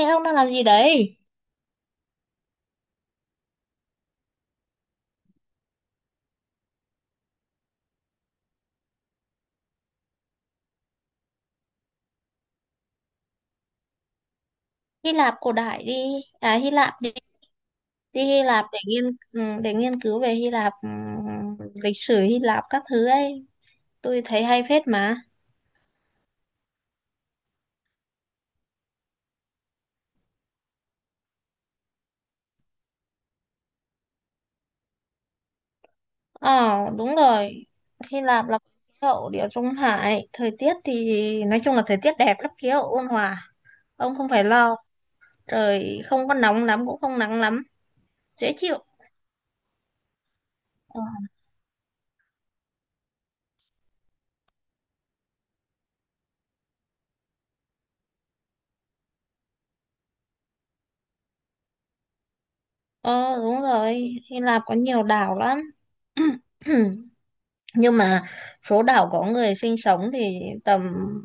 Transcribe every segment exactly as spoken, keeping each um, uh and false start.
Ê ông đang làm gì đấy? Hy Lạp cổ đại đi, à Hy Lạp đi, đi Hy Lạp để nghiên ừ, để nghiên cứu về Hy Lạp, ừ, lịch sử Hy Lạp các thứ ấy. Tôi thấy hay phết mà. Ờ đúng rồi. Hy Lạp là hậu Địa Trung Hải, thời tiết thì nói chung là thời tiết đẹp lắm, khí hậu ôn hòa. Ông không phải lo, trời không có nóng lắm cũng không nắng lắm, dễ chịu. Ờ ờ, đúng rồi, Hy Lạp có nhiều đảo lắm. Nhưng mà số đảo có người sinh sống thì tầm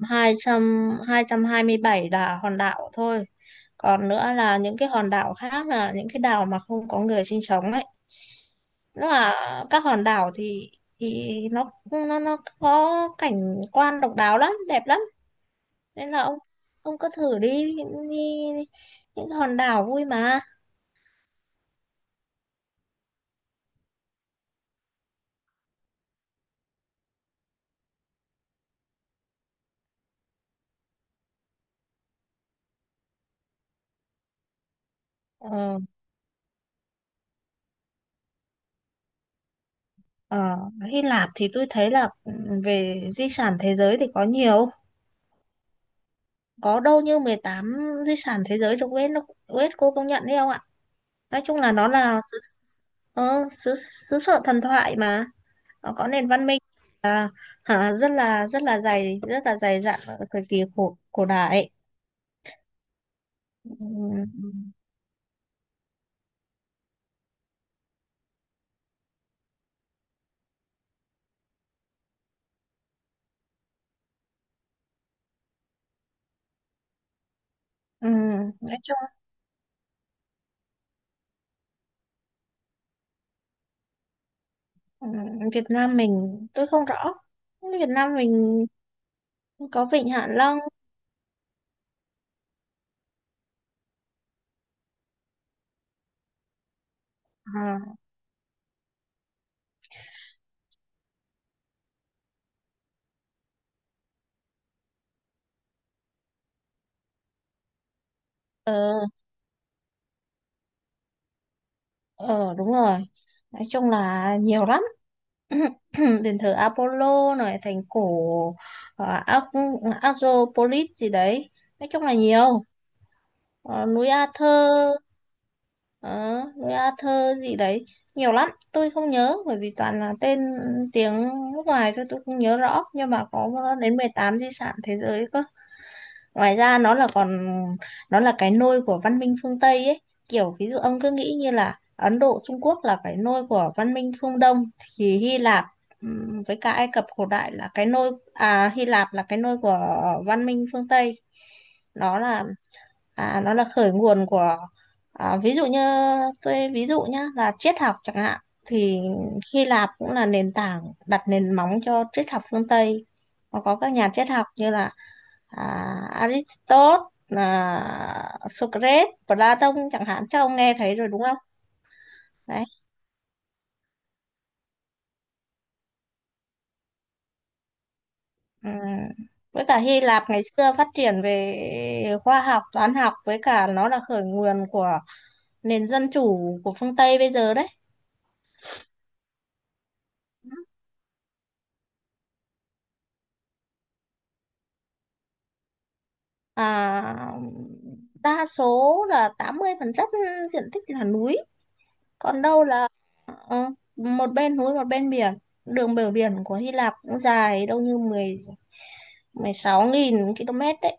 hai trăm hai trăm hai bảy là hòn đảo thôi, còn nữa là những cái hòn đảo khác, là những cái đảo mà không có người sinh sống ấy. Nó là các hòn đảo thì thì nó nó nó có cảnh quan độc đáo lắm, đẹp lắm, nên là ông ông cứ thử đi, đi đi. Những hòn đảo vui mà. ờ, ờ, Hy Lạp thì tôi thấy là ừ, về di sản thế giới thì có nhiều, có đâu như mười tám di sản thế giới được UNESCO UNESCO công nhận đấy không ạ? Nói chung là nó là xứ, ờ, xứ, xứ sở thần thoại mà, nó có nền văn minh, à, hả, rất là rất là dày, rất là dày dặn ở thời kỳ cổ cổ đại. Ừm, ừm, nói chung ừm, Việt Nam mình tôi không rõ. Việt Nam mình có Vịnh Hạ Long. à, Ờ đúng rồi. Nói chung là nhiều lắm. Đền thờ Apollo này, thành cổ uh, Acropolis gì đấy. Nói chung là nhiều. Ờ, núi Arthur đó, núi A Thơ gì đấy, nhiều lắm tôi không nhớ bởi vì toàn là tên tiếng nước ngoài, thôi tôi không nhớ rõ, nhưng mà có đến mười tám di sản thế giới cơ. Ngoài ra nó là còn nó là cái nôi của văn minh phương Tây ấy, kiểu ví dụ ông cứ nghĩ như là Ấn Độ, Trung Quốc là cái nôi của văn minh phương Đông, thì Hy Lạp ừm, với cả Ai Cập cổ đại là cái nôi, à Hy Lạp là cái nôi của văn minh phương Tây. nó là à, nó là khởi nguồn của, à, ví dụ như tôi ví dụ nhá là triết học chẳng hạn, thì Hy Lạp cũng là nền tảng, đặt nền móng cho triết học phương Tây. Nó có các nhà triết học như là à, Aristotle, là Socrates, Plato chẳng hạn, chắc ông nghe thấy rồi đúng không? Đấy. Ừm. Với cả Hy Lạp ngày xưa phát triển về khoa học, toán học, với cả nó là khởi nguồn của nền dân chủ của phương Tây bây giờ đấy. à, Đa số là tám mươi phần trăm diện tích là núi, còn đâu là ờ, một bên núi một bên biển. Đường bờ biển của Hy Lạp cũng dài đâu như mười mười sáu nghìn km đấy.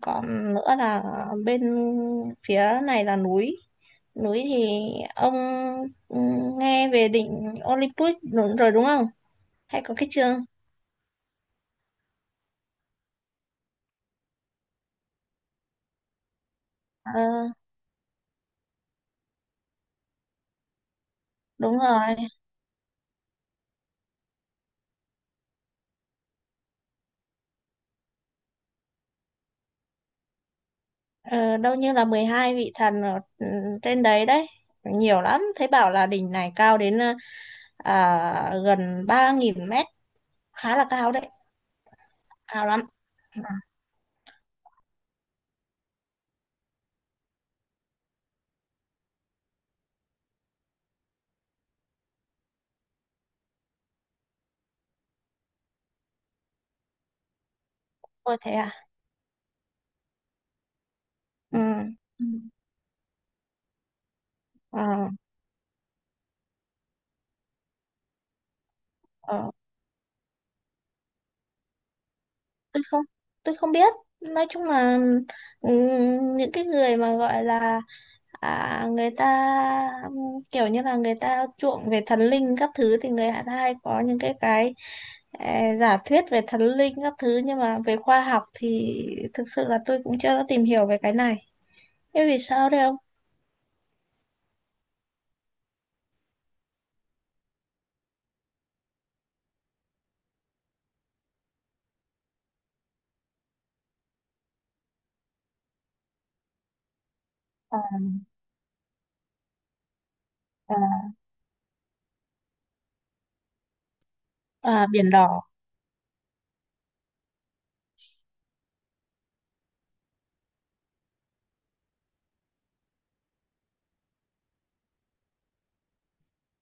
Còn nữa là bên phía này là núi, núi thì ông ừ, nghe về đỉnh Olympus đúng rồi đúng không, hay có cái trường. Ờ, đúng rồi. Ờ, đâu như là mười hai vị thần ở ừ, trên đấy đấy, nhiều lắm. Thấy bảo là đỉnh này cao đến ờ, à, gần ba nghìn mét, khá là cao đấy, cao lắm. Ôi thế à. Ừ. Ừ. Ờ, ờ, tôi không tôi không biết, nói chung là ừ, những cái người mà gọi là à, người ta, um, kiểu như là người ta chuộng về thần linh các thứ thì người ta hay có những cái cái eh, giả thuyết về thần linh các thứ, nhưng mà về khoa học thì thực sự là tôi cũng chưa có tìm hiểu về cái này. Thế vì sao đấy không? À, À, biển đỏ.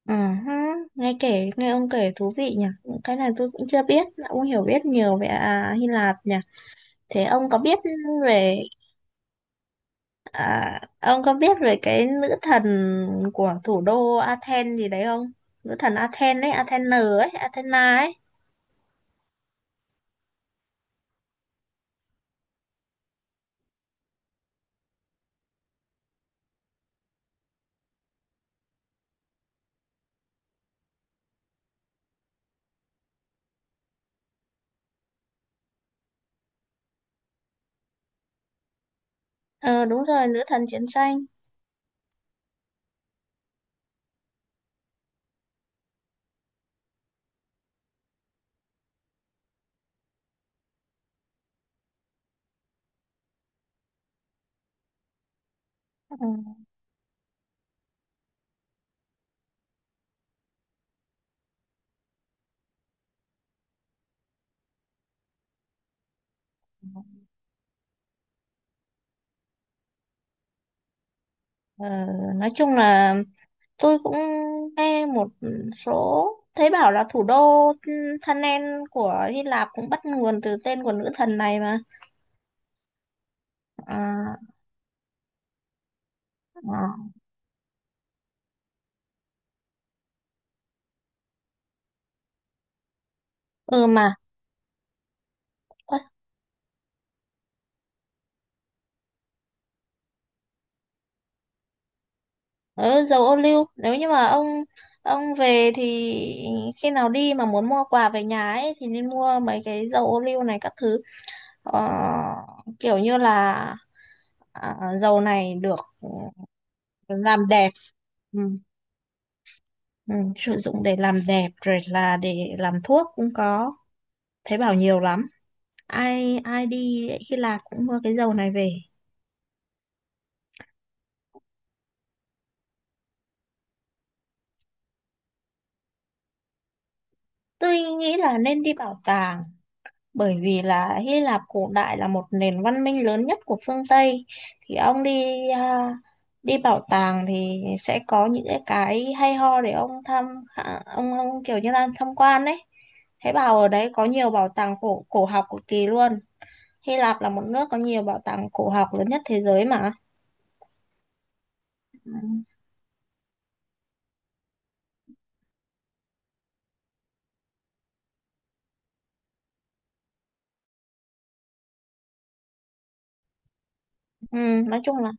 Ừ, hứ, Nghe kể, nghe ông kể thú vị nhỉ. Cái này tôi cũng chưa biết, ông hiểu biết nhiều về à, Hy Lạp nhỉ. Thế ông có biết về À, ông có biết về cái nữ thần của thủ đô Athens gì đấy không? Nữ thần Athens ấy, Athena ấy, Athena ấy. Ờ đúng rồi, nữ thần chiến tranh. Ừ. Ờ, nói chung là tôi cũng nghe một số, thấy bảo là thủ đô Thanen của Hy Lạp cũng bắt nguồn từ tên của nữ thần này mà. À, à. Ừ mà. Ờ, dầu ô liu, nếu như mà ông ông về thì khi nào đi mà muốn mua quà về nhà ấy thì nên mua mấy cái dầu ô liu này các thứ. Ờ, kiểu như là à, dầu này được ừ, làm đẹp. Ừ. Ừ, sử dụng để làm đẹp rồi là để làm thuốc cũng có, thấy bảo nhiều lắm, ai ai đi Hy Lạp cũng mua cái dầu này về. Tôi nghĩ là nên đi bảo tàng, bởi vì là Hy Lạp cổ đại là một nền văn minh lớn nhất của phương Tây, thì ông đi à, đi bảo tàng thì sẽ có những cái cái hay ho để ông thăm, à, ông ông kiểu như là tham quan đấy. Thế bảo ở đấy có nhiều bảo tàng cổ cổ học cực kỳ luôn. Hy Lạp là một nước có nhiều bảo tàng cổ học lớn nhất thế giới mà. Ừ, Ừ, nói chung là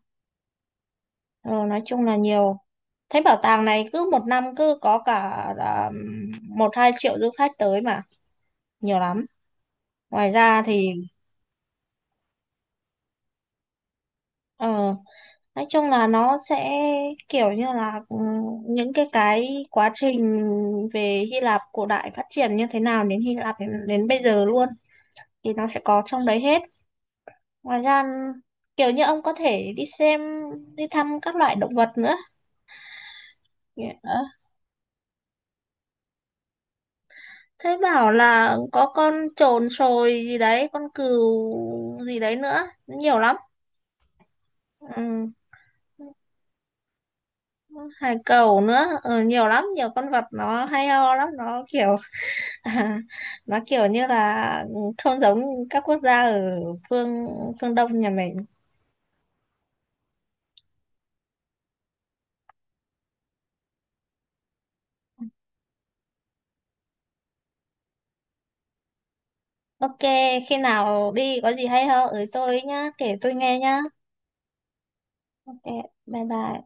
ừ, nói chung là nhiều. Thế bảo tàng này cứ một năm cứ có cả à, một hai triệu du khách tới mà, nhiều lắm. Ngoài ra thì Ờ, nói chung là nó sẽ kiểu như là ừ, những cái cái quá trình về Hy Lạp cổ đại phát triển như thế nào đến Hy Lạp đến, đến bây giờ luôn thì nó sẽ có trong đấy hết. Ngoài ra kiểu như ông có thể đi xem, đi thăm các loại động vật nữa. Ờ, thế bảo là có con chồn sồi gì đấy, con cừu gì đấy nữa, nhiều lắm. Ừ. Hải cẩu nữa, ừ, nhiều lắm, nhiều con vật nó hay ho lắm, nó kiểu À, nó kiểu như là ừ, không giống các quốc gia ở phương phương Đông nhà mình. Ok, khi nào đi có gì hay ho ở tôi nhá, kể tôi nghe nhá. Ok, bye bye.